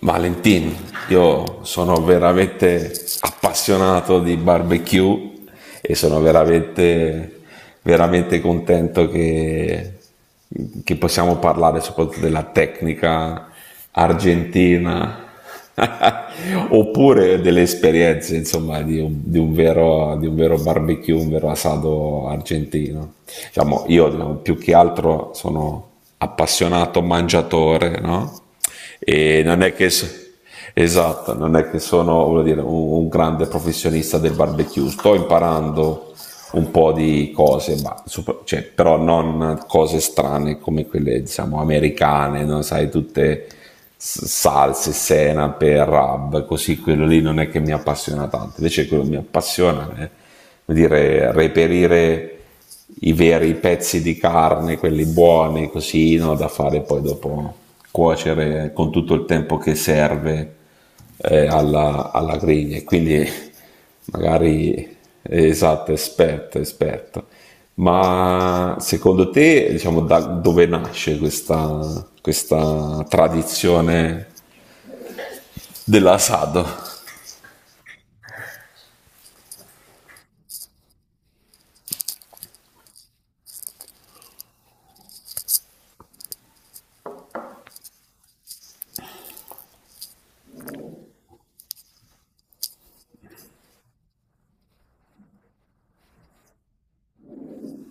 Valentin, io sono veramente appassionato di barbecue e sono veramente, veramente contento che possiamo parlare soprattutto della tecnica argentina oppure delle esperienze insomma di un vero barbecue, un vero asado argentino. Diciamo, io diciamo, più che altro sono appassionato mangiatore, no? E non è che... Esatto, non è che sono, voglio dire, un grande professionista del barbecue, sto imparando un po' di cose, ma, super, cioè, però non cose strane come quelle, diciamo, americane, no? Sai, tutte salse, senape, rub, così, quello lì non è che mi appassiona tanto, invece quello che mi appassiona è, dire, reperire i veri pezzi di carne, quelli buoni, così, no, da fare poi dopo cuocere con tutto il tempo che serve alla, alla griglia. E quindi magari, esatto, esperto, esperto. Ma secondo te, diciamo, da dove nasce questa tradizione dell'asado?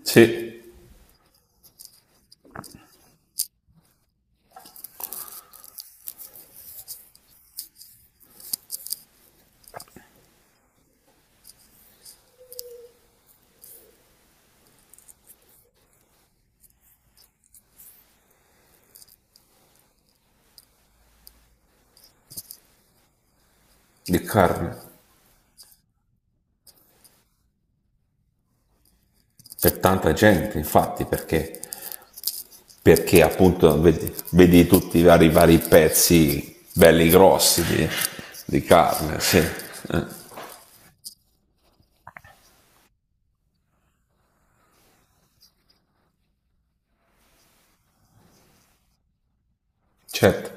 Sì, di carne. Per tanta gente, infatti, perché, perché appunto vedi, vedi tutti i vari pezzi belli grossi di carne, sì. Certo.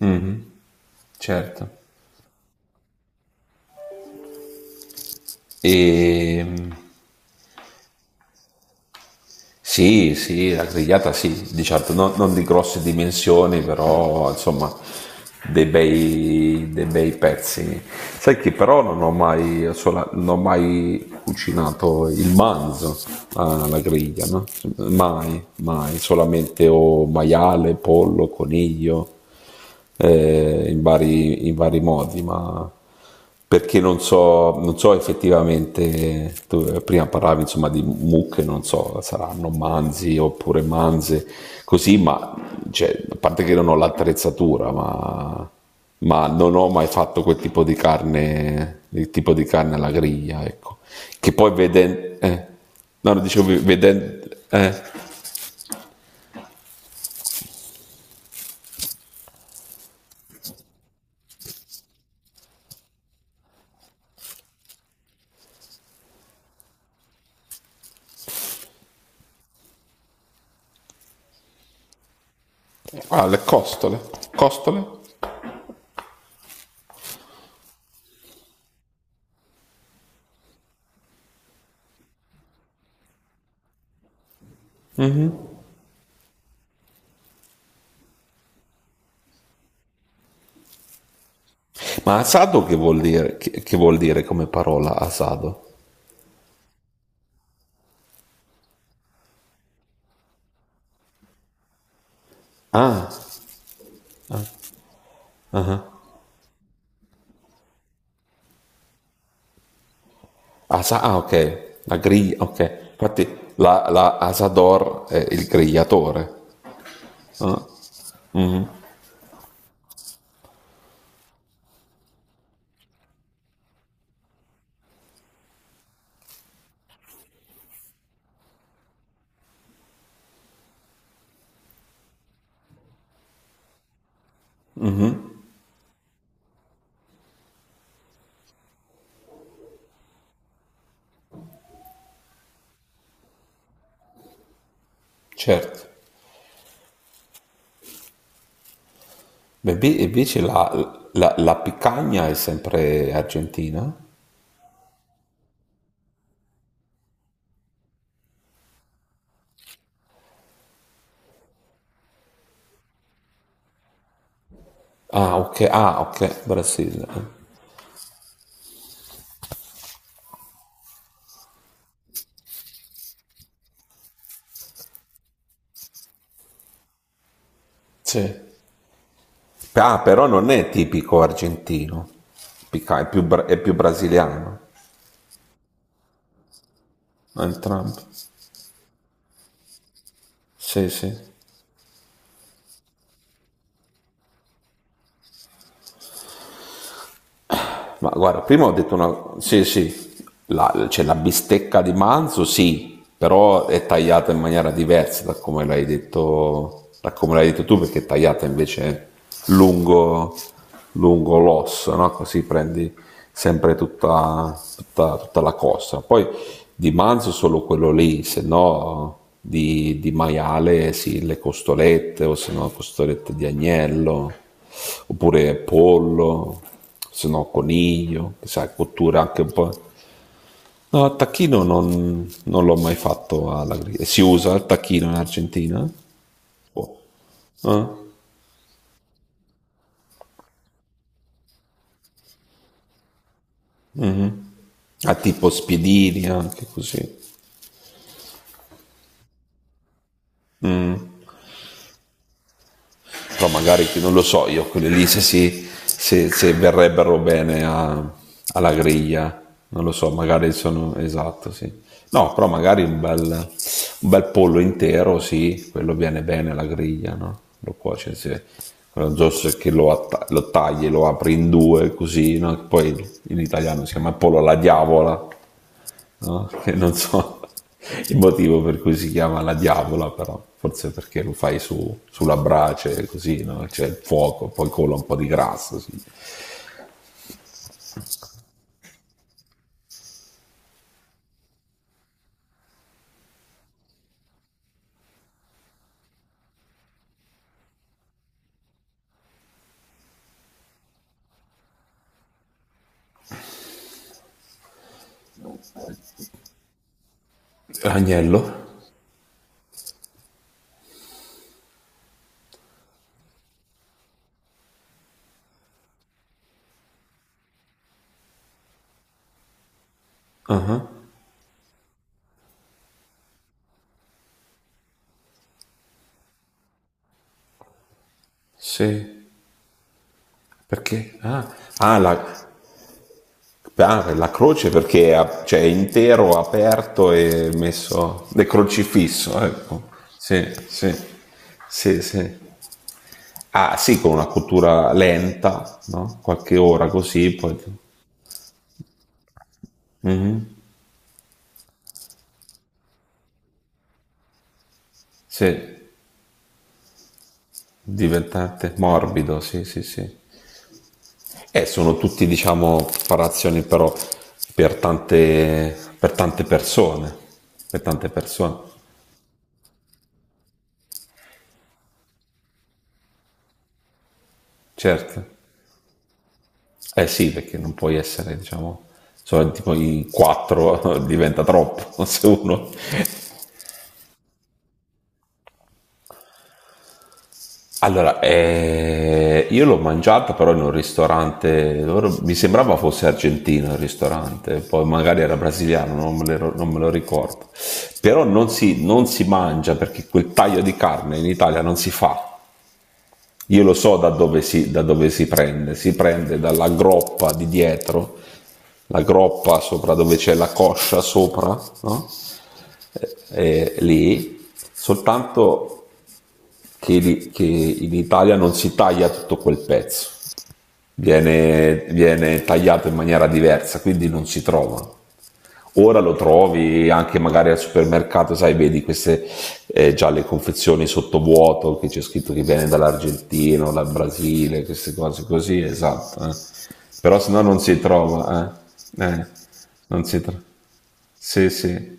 Mhm, certo. E sì, sì, la grigliata sì, di certo, non, non di grosse dimensioni, però insomma dei bei pezzi. Sai che però non ho mai, non ho mai cucinato il manzo alla griglia, no? Mai, mai, solamente o maiale, pollo, coniglio, in vari modi, ma perché non so, non so effettivamente, tu prima parlavi insomma di mucche, non so, saranno manzi oppure manze, così, ma cioè, a parte che non ho l'attrezzatura, ma non ho mai fatto quel tipo di carne, il tipo di carne alla griglia, ecco. Che poi vedendo, no, no, dicevo vedendo, eh, come? Ma asado che vuol dire come parola asado? Ah, Asa, ah, ok, la griglia, ok. Infatti la, la Asador è il grigliatore. Ah, certo. Beh, invece la, la, la picagna è sempre argentina? Ah, ok, ah, ok, Brasile. Sì. Ah, però non è tipico argentino. È più, è più brasiliano. Entrambi. Sì, sì. Ma guarda, prima ho detto una... Sì, sì, la, cioè, la bistecca di manzo, sì, però è tagliata in maniera diversa da come l'hai detto, da come l'hai detto tu, perché è tagliata invece lungo, lungo l'osso, no? Così prendi sempre tutta la costa. Poi di manzo solo quello lì, se no di, di maiale, sì, le costolette, o se no costolette di agnello, oppure pollo, se no coniglio, che sai, cottura anche un po'. No, il tacchino non, non l'ho mai fatto alla griglia. Si usa il tacchino in Argentina? Boh. Ah, mhm. Ah, tipo spiedini anche così. Mm. Però magari non lo so io, quelle lì se, si, se, se verrebbero bene alla griglia, non lo so, magari sono esatto, sì. No, però magari un bel pollo intero, sì, quello viene bene alla griglia, no? Lo cuoci, sì. Quello giusto è che lo, lo tagli, lo apri in due, così, no? Poi in italiano si chiama pollo alla diavola, no? Che non so il motivo per cui si chiama la diavola, però forse perché lo fai su, sulla brace così, no? C'è il fuoco, poi cola un po' di grasso. Sì. Agnello? Ah, sì. Perché? La croce perché è cioè, è intero, aperto e messo... è crocifisso, ecco. Sì, sì, sì, sì. Ah, sì, con una cottura lenta, no? Qualche ora così, poi... Mhm, sì. Diventate morbido, sì, sì, sì. E sono tutti, diciamo, preparazioni però per tante, per tante persone, per tante persone, certo. Eh sì, perché non puoi essere, diciamo, solo tipo in quattro diventa troppo se uno. Allora, io l'ho mangiata però in un ristorante, mi sembrava fosse argentino il ristorante, poi magari era brasiliano, non me lo, non me lo ricordo. Però non si, non si mangia perché quel taglio di carne in Italia non si fa. Io lo so da dove si prende dalla groppa di dietro, la groppa sopra dove c'è la coscia sopra, no? Eh, lì, soltanto che, che in Italia non si taglia tutto quel pezzo, viene, viene tagliato in maniera diversa, quindi non si trova. Ora lo trovi anche magari al supermercato, sai, vedi queste, già le confezioni sottovuoto che c'è scritto che viene dall'Argentina, o dal Brasile, queste cose così, esatto. Eh. Però se no non si trova, eh. Eh, non si trova. Sì, sì.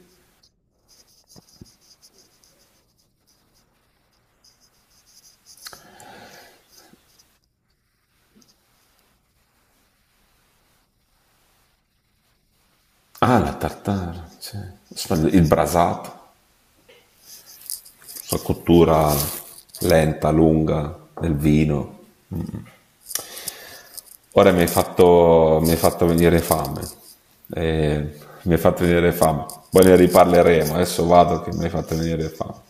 Ah, la tartara, sì. Il brasato. La cottura lenta, lunga del vino. Ora mi hai fatto venire fame. Eh, mi hai fatto venire fame. Poi ne riparleremo. Adesso vado che mi hai fatto venire fame.